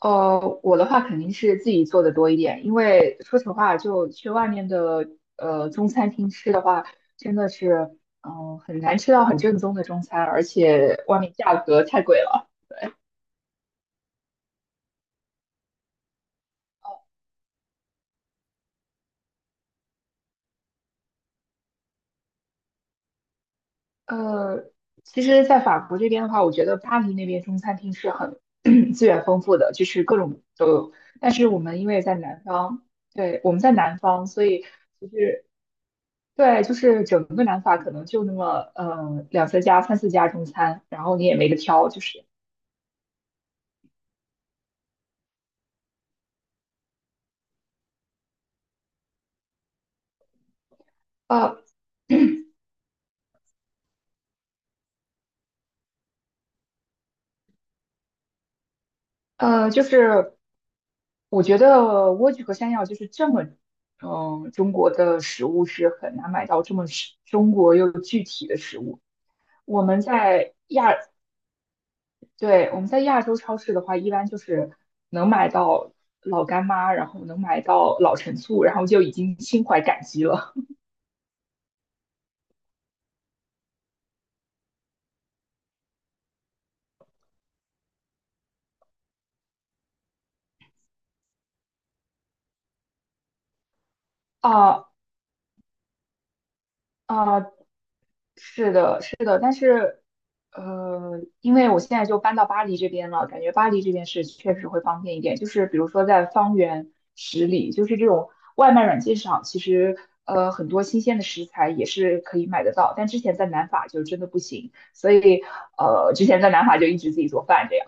我的话肯定是自己做的多一点，因为说实话，就去外面的中餐厅吃的话，真的是很难吃到很正宗的中餐，而且外面价格太贵了。呃，其实，在法国这边的话，我觉得巴黎那边中餐厅是很 资源丰富的，就是各种都有。但是我们因为在南方，对，我们在南方，所以对，就是整个南法可能就那么两三家、三四家中餐，然后你也没得挑，就是。呃就是我觉得莴苣和山药就是这么，嗯，中国的食物是很难买到这么是中国又具体的食物。我们在亚，对，我们在亚洲超市的话，一般就是能买到老干妈，然后能买到老陈醋，然后就已经心怀感激了。啊啊、是的，是的，但是，因为我现在就搬到巴黎这边了，感觉巴黎这边是确实会方便一点。就是比如说在方圆十里，就是这种外卖软件上，其实很多新鲜的食材也是可以买得到，但之前在南法就真的不行，所以之前在南法就一直自己做饭这样。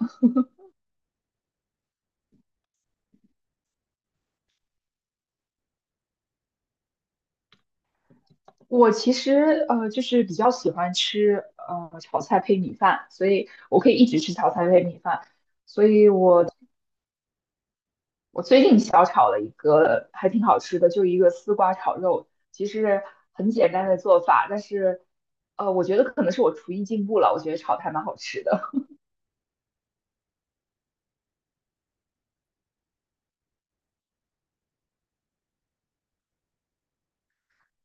我其实就是比较喜欢吃炒菜配米饭，所以我可以一直吃炒菜配米饭。所以我我最近小炒了一个还挺好吃的，就是一个丝瓜炒肉，其实很简单的做法，但是我觉得可能是我厨艺进步了，我觉得炒的还蛮好吃的。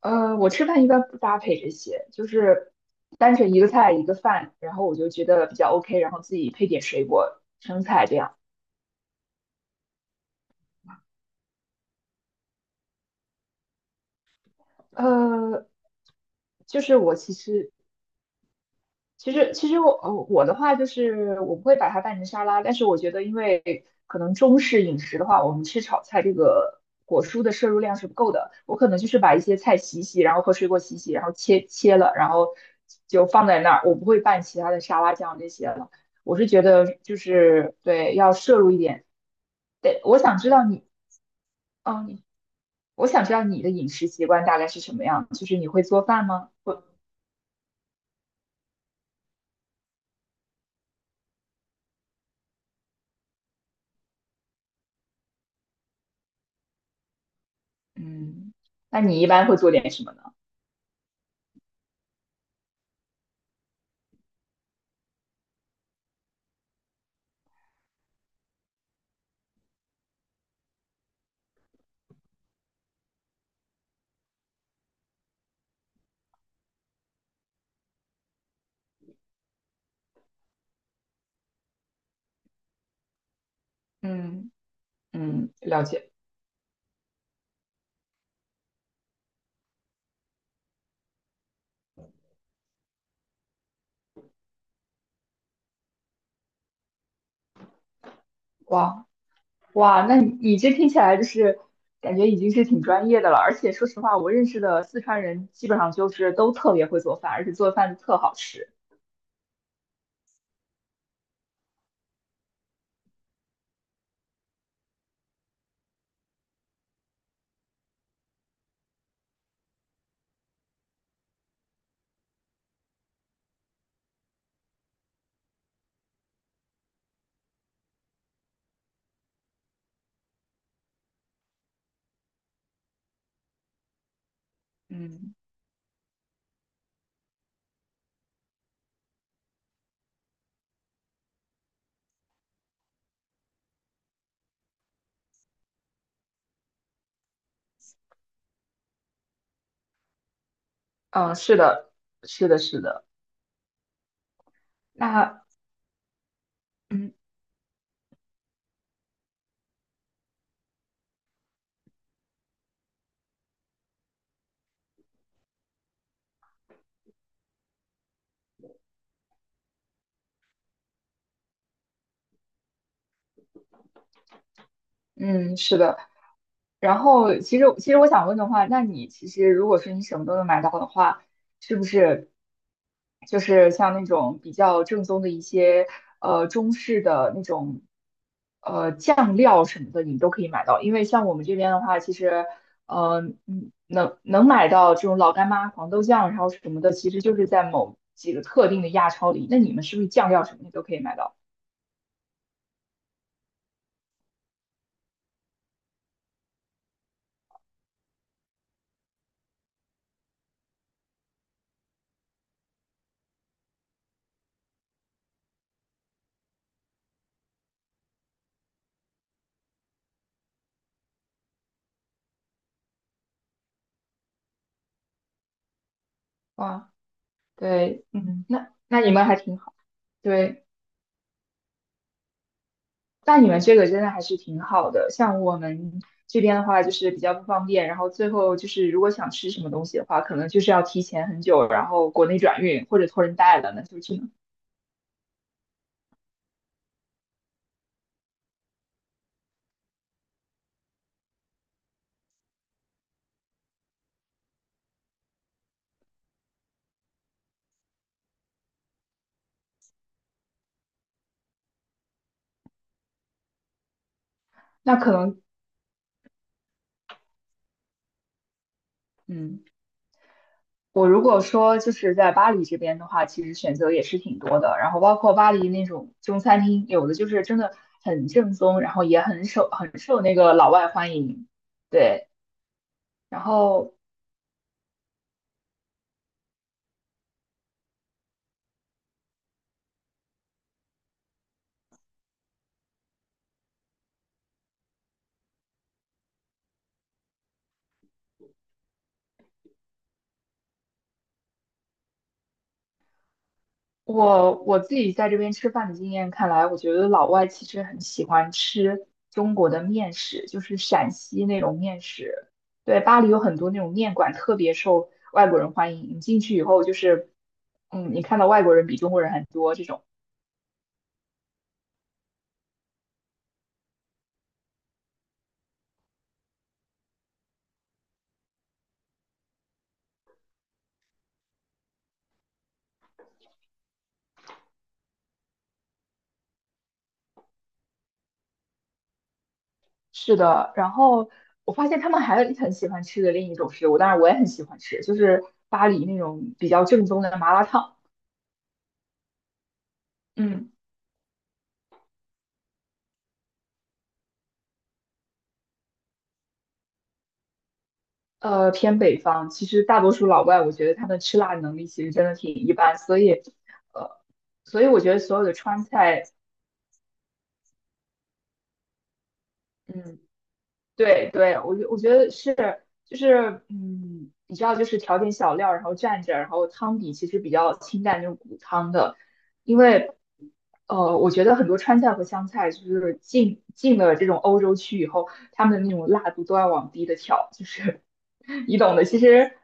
我吃饭一般不搭配这些，就是单纯一个菜一个饭，然后我就觉得比较 OK，然后自己配点水果、生菜这样。呃，就是我其实其实我我的话就是我不会把它拌成沙拉，但是我觉得，因为可能中式饮食的话，我们吃炒菜这个果蔬的摄入量是不够的。我可能就是把一些菜洗洗，然后和水果洗洗，然后切切了，然后就放在那儿，我不会拌其他的沙拉酱这些了。我是觉得就是对，要摄入一点。对，我想知道你，嗯，你我想知道你的饮食习惯大概是什么样，就是你会做饭吗？会，嗯，那你一般会做点什么呢？嗯。嗯，了解。哇哇，那你你这听起来就是感觉已经是挺专业的了。而且说实话，我认识的四川人基本上就是都特别会做饭，而且做饭特好吃。嗯嗯，是的，是的，是的。那嗯嗯，是的。然后，其实我想问的话，那你其实如果说你什么都能买到的话，是不是就是像那种比较正宗的一些中式的那种酱料什么的，你都可以买到？因为像我们这边的话，其实呃能能买到这种老干妈、黄豆酱，然后什么的，其实就是在某几个特定的亚超里。那你们是不是酱料什么的都可以买到？哇，对，嗯，那那你们还挺好，对。那你们这个真的还是挺好的。像我们这边的话，就是比较不方便，然后最后就是如果想吃什么东西的话，可能就是要提前很久，然后国内转运或者托人带了，那就只能那可能嗯，我如果说就是在巴黎这边的话，其实选择也是挺多的，然后包括巴黎那种中餐厅，有的就是真的很正宗，然后也很受很受那个老外欢迎，对。然后我我自己在这边吃饭的经验看来，我觉得老外其实很喜欢吃中国的面食，就是陕西那种面食。对，巴黎有很多那种面馆，特别受外国人欢迎。你进去以后，就是，嗯，你看到外国人比中国人很多这种。是的，然后我发现他们还很喜欢吃的另一种食物，当然我也很喜欢吃，就是巴黎那种比较正宗的麻辣烫。嗯。偏北方，其实大多数老外，我觉得他们吃辣能力其实真的挺一般，所以，呃，所以我觉得所有的川菜，嗯，对对，我觉得是，就是，嗯，你知道，就是调点小料，然后蘸着，然后汤底其实比较清淡，就是骨汤的，因为，我觉得很多川菜和湘菜，就是进了这种欧洲区以后，他们的那种辣度都要往低的调，就是 你懂的，其实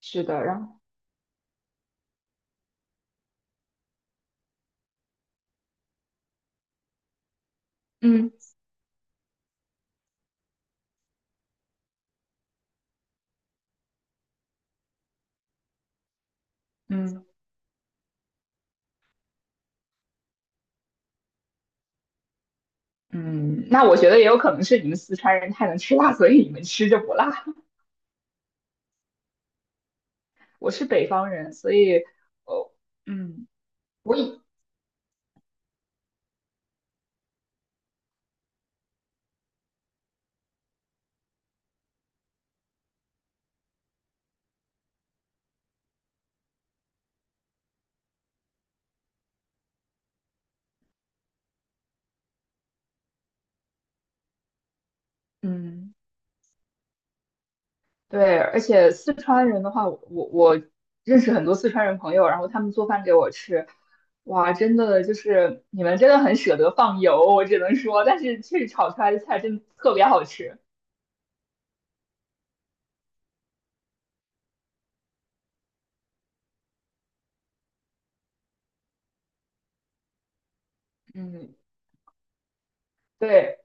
是的，然后，嗯嗯。嗯，那我觉得也有可能是你们四川人太能吃辣，所以你们吃着不辣。我是北方人，所以，哦，嗯，我以，嗯，对，而且四川人的话，我认识很多四川人朋友，然后他们做饭给我吃，哇，真的就是你们真的很舍得放油，我只能说，但是确实炒出来的菜真的特别好吃。嗯，对，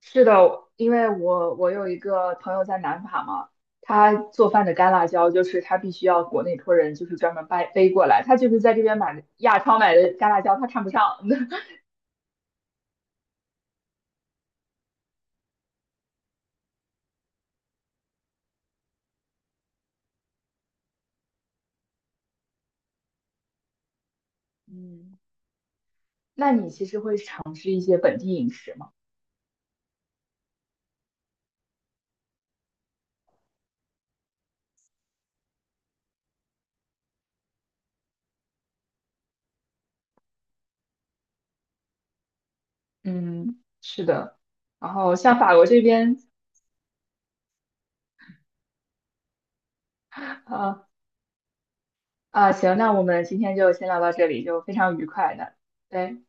是的，因为我有一个朋友在南法嘛，他做饭的干辣椒就是他必须要国内托人就是专门掰背过来，他就是在这边买的亚超买的干辣椒，他看不上。嗯那你其实会尝试一些本地饮食吗？嗯，是的。然后像法国这边，啊啊，行，那我们今天就先聊到这里，就非常愉快的，对。